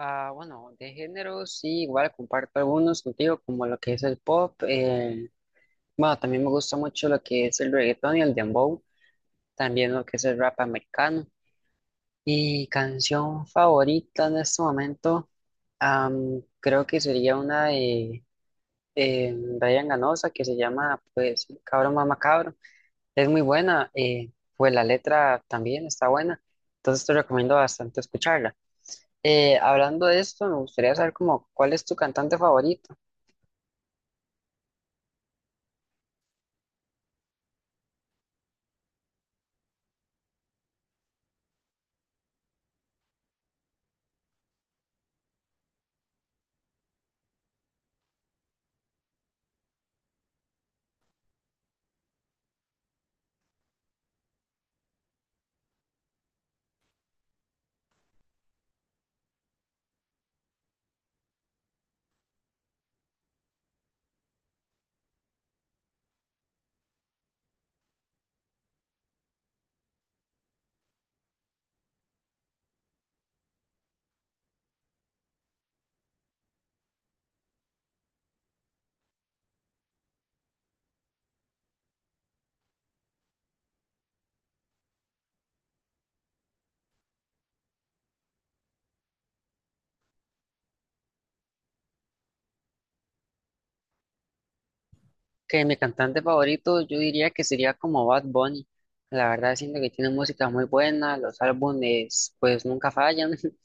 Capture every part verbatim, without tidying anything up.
Ah, bueno, de género sí, igual comparto algunos contigo, como lo que es el pop. Eh, bueno, también me gusta mucho lo que es el reggaetón y el dembow, también lo que es el rap americano. Y canción favorita en este momento, am, creo que sería una de eh, Ryan Ganosa que se llama, pues, Cabro Mama Cabro. Es muy buena, eh, pues la letra también está buena, entonces te recomiendo bastante escucharla. Eh, hablando de esto, me gustaría saber como cuál es tu cantante favorito. Que mi cantante favorito yo diría que sería como Bad Bunny. La verdad siento que tiene música muy buena, los álbumes pues nunca fallan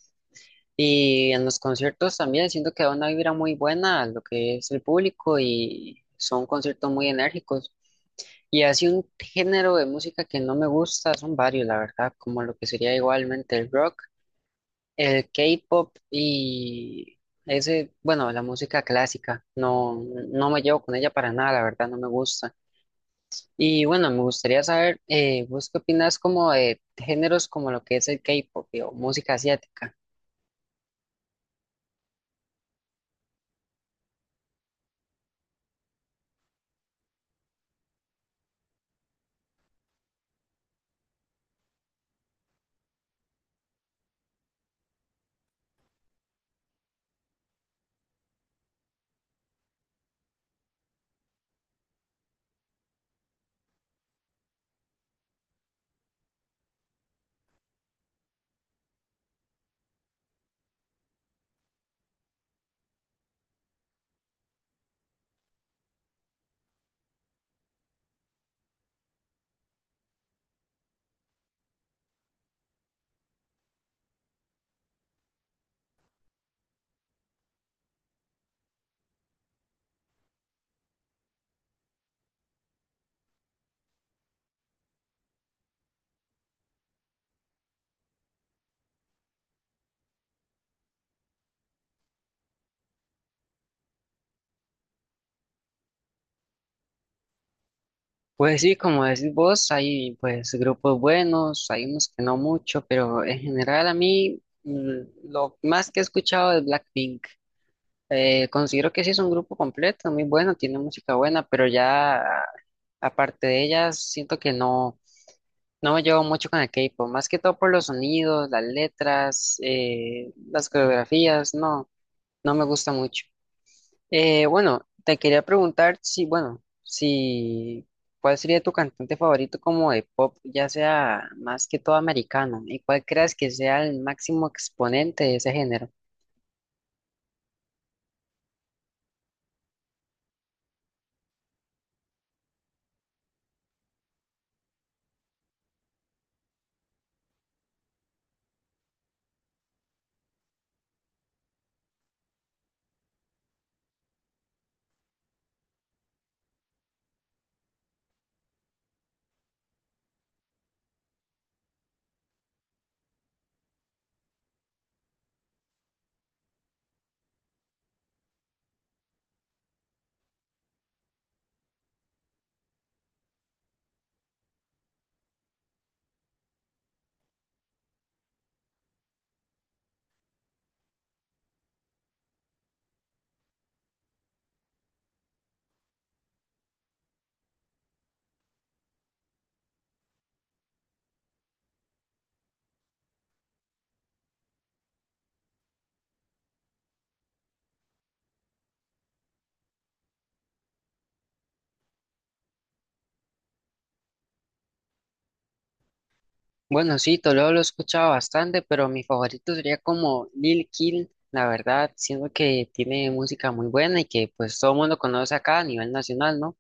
y en los conciertos también siento que da una vibra muy buena a lo que es el público y son conciertos muy enérgicos. Y así un género de música que no me gusta son varios, la verdad, como lo que sería igualmente el rock. El K-pop y ese, bueno, la música clásica, no, no me llevo con ella para nada, la verdad, no me gusta. Y bueno, me gustaría saber, eh, ¿vos qué opinas como de géneros como lo que es el K-pop y- o música asiática? Pues sí, como decís vos, hay pues grupos buenos, hay unos que no mucho, pero en general a mí mm, lo más que he escuchado es Blackpink. Eh, considero que sí es un grupo completo, muy bueno, tiene música buena, pero ya aparte de ellas, siento que no, no me llevo mucho con el K-pop, más que todo por los sonidos, las letras, eh, las coreografías, no, no me gusta mucho. Eh, bueno, te quería preguntar si, bueno, si, ¿cuál sería tu cantante favorito como de pop, ya sea más que todo americano, y cuál creas que sea el máximo exponente de ese género? Bueno, sí, Toledo lo he escuchado bastante, pero mi favorito sería como Lil Kill, la verdad, siento que tiene música muy buena y que pues todo el mundo conoce acá a nivel nacional, ¿no?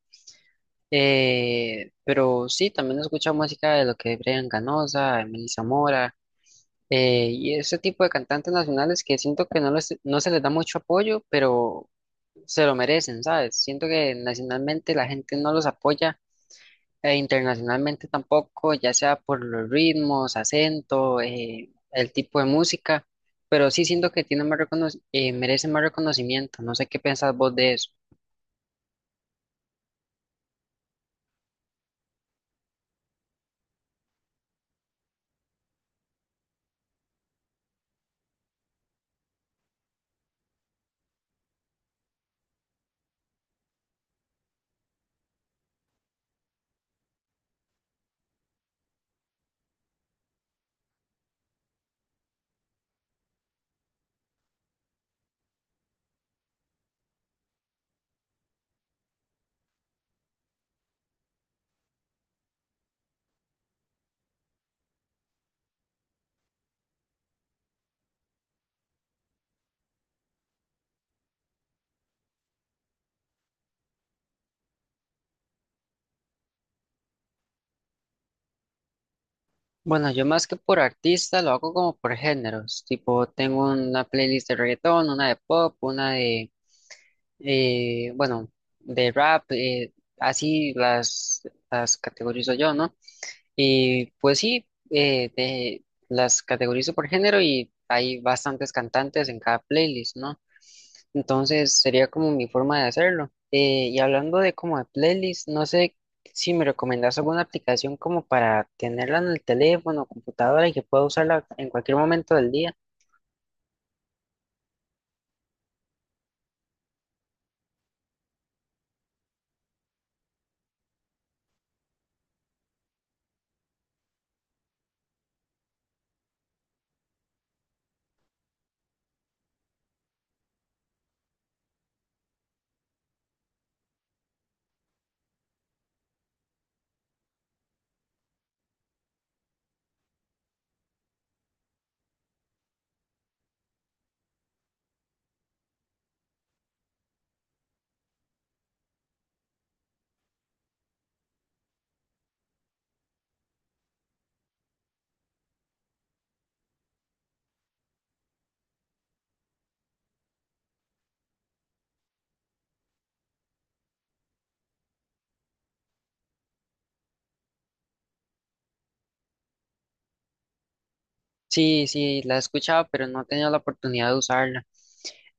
Eh, pero sí, también he escuchado música de lo que es Brian Ganosa, Emily Zamora, eh, y ese tipo de cantantes nacionales que siento que no, les- no se les da mucho apoyo, pero se lo merecen, ¿sabes? Siento que nacionalmente la gente no los apoya e internacionalmente tampoco, ya sea por los ritmos, acento, eh, el tipo de música, pero sí siento que tiene más recono- eh, merece más reconocimiento. No sé qué pensás vos de eso. Bueno, yo más que por artista lo hago como por géneros, tipo tengo una playlist de reggaetón, una de pop, una de, eh, bueno, de rap, eh, así las, las categorizo yo, ¿no? Y pues sí, eh, de- las categorizo por género y hay bastantes cantantes en cada playlist, ¿no? Entonces sería como mi forma de hacerlo. Eh, y hablando de como de playlist, no sé si me recomendás alguna aplicación como para tenerla en el teléfono o computadora y que pueda usarla en cualquier momento del día. Sí, sí, la he escuchado, pero no he tenido la oportunidad de usarla.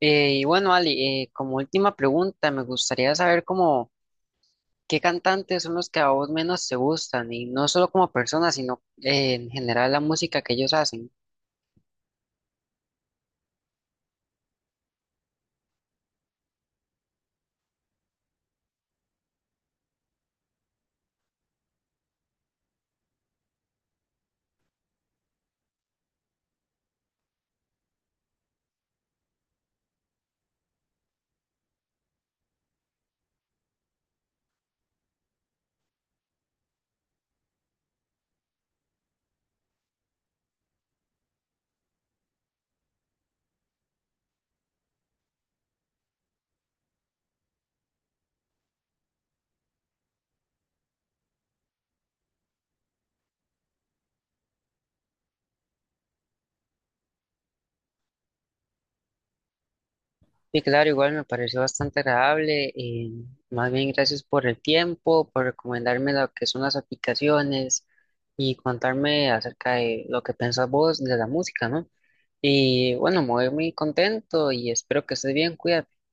Eh, y bueno, Ali, eh, como última pregunta, me gustaría saber cómo... ¿Qué cantantes son los que a vos menos te gustan? Y no solo como personas, sino eh, en general la música que ellos hacen. Y claro, igual me pareció bastante agradable. Eh, más bien gracias por el tiempo, por recomendarme lo que son las aplicaciones y contarme acerca de lo que pensás vos de la música, ¿no? Y bueno, me voy muy contento y espero que estés bien, cuídate.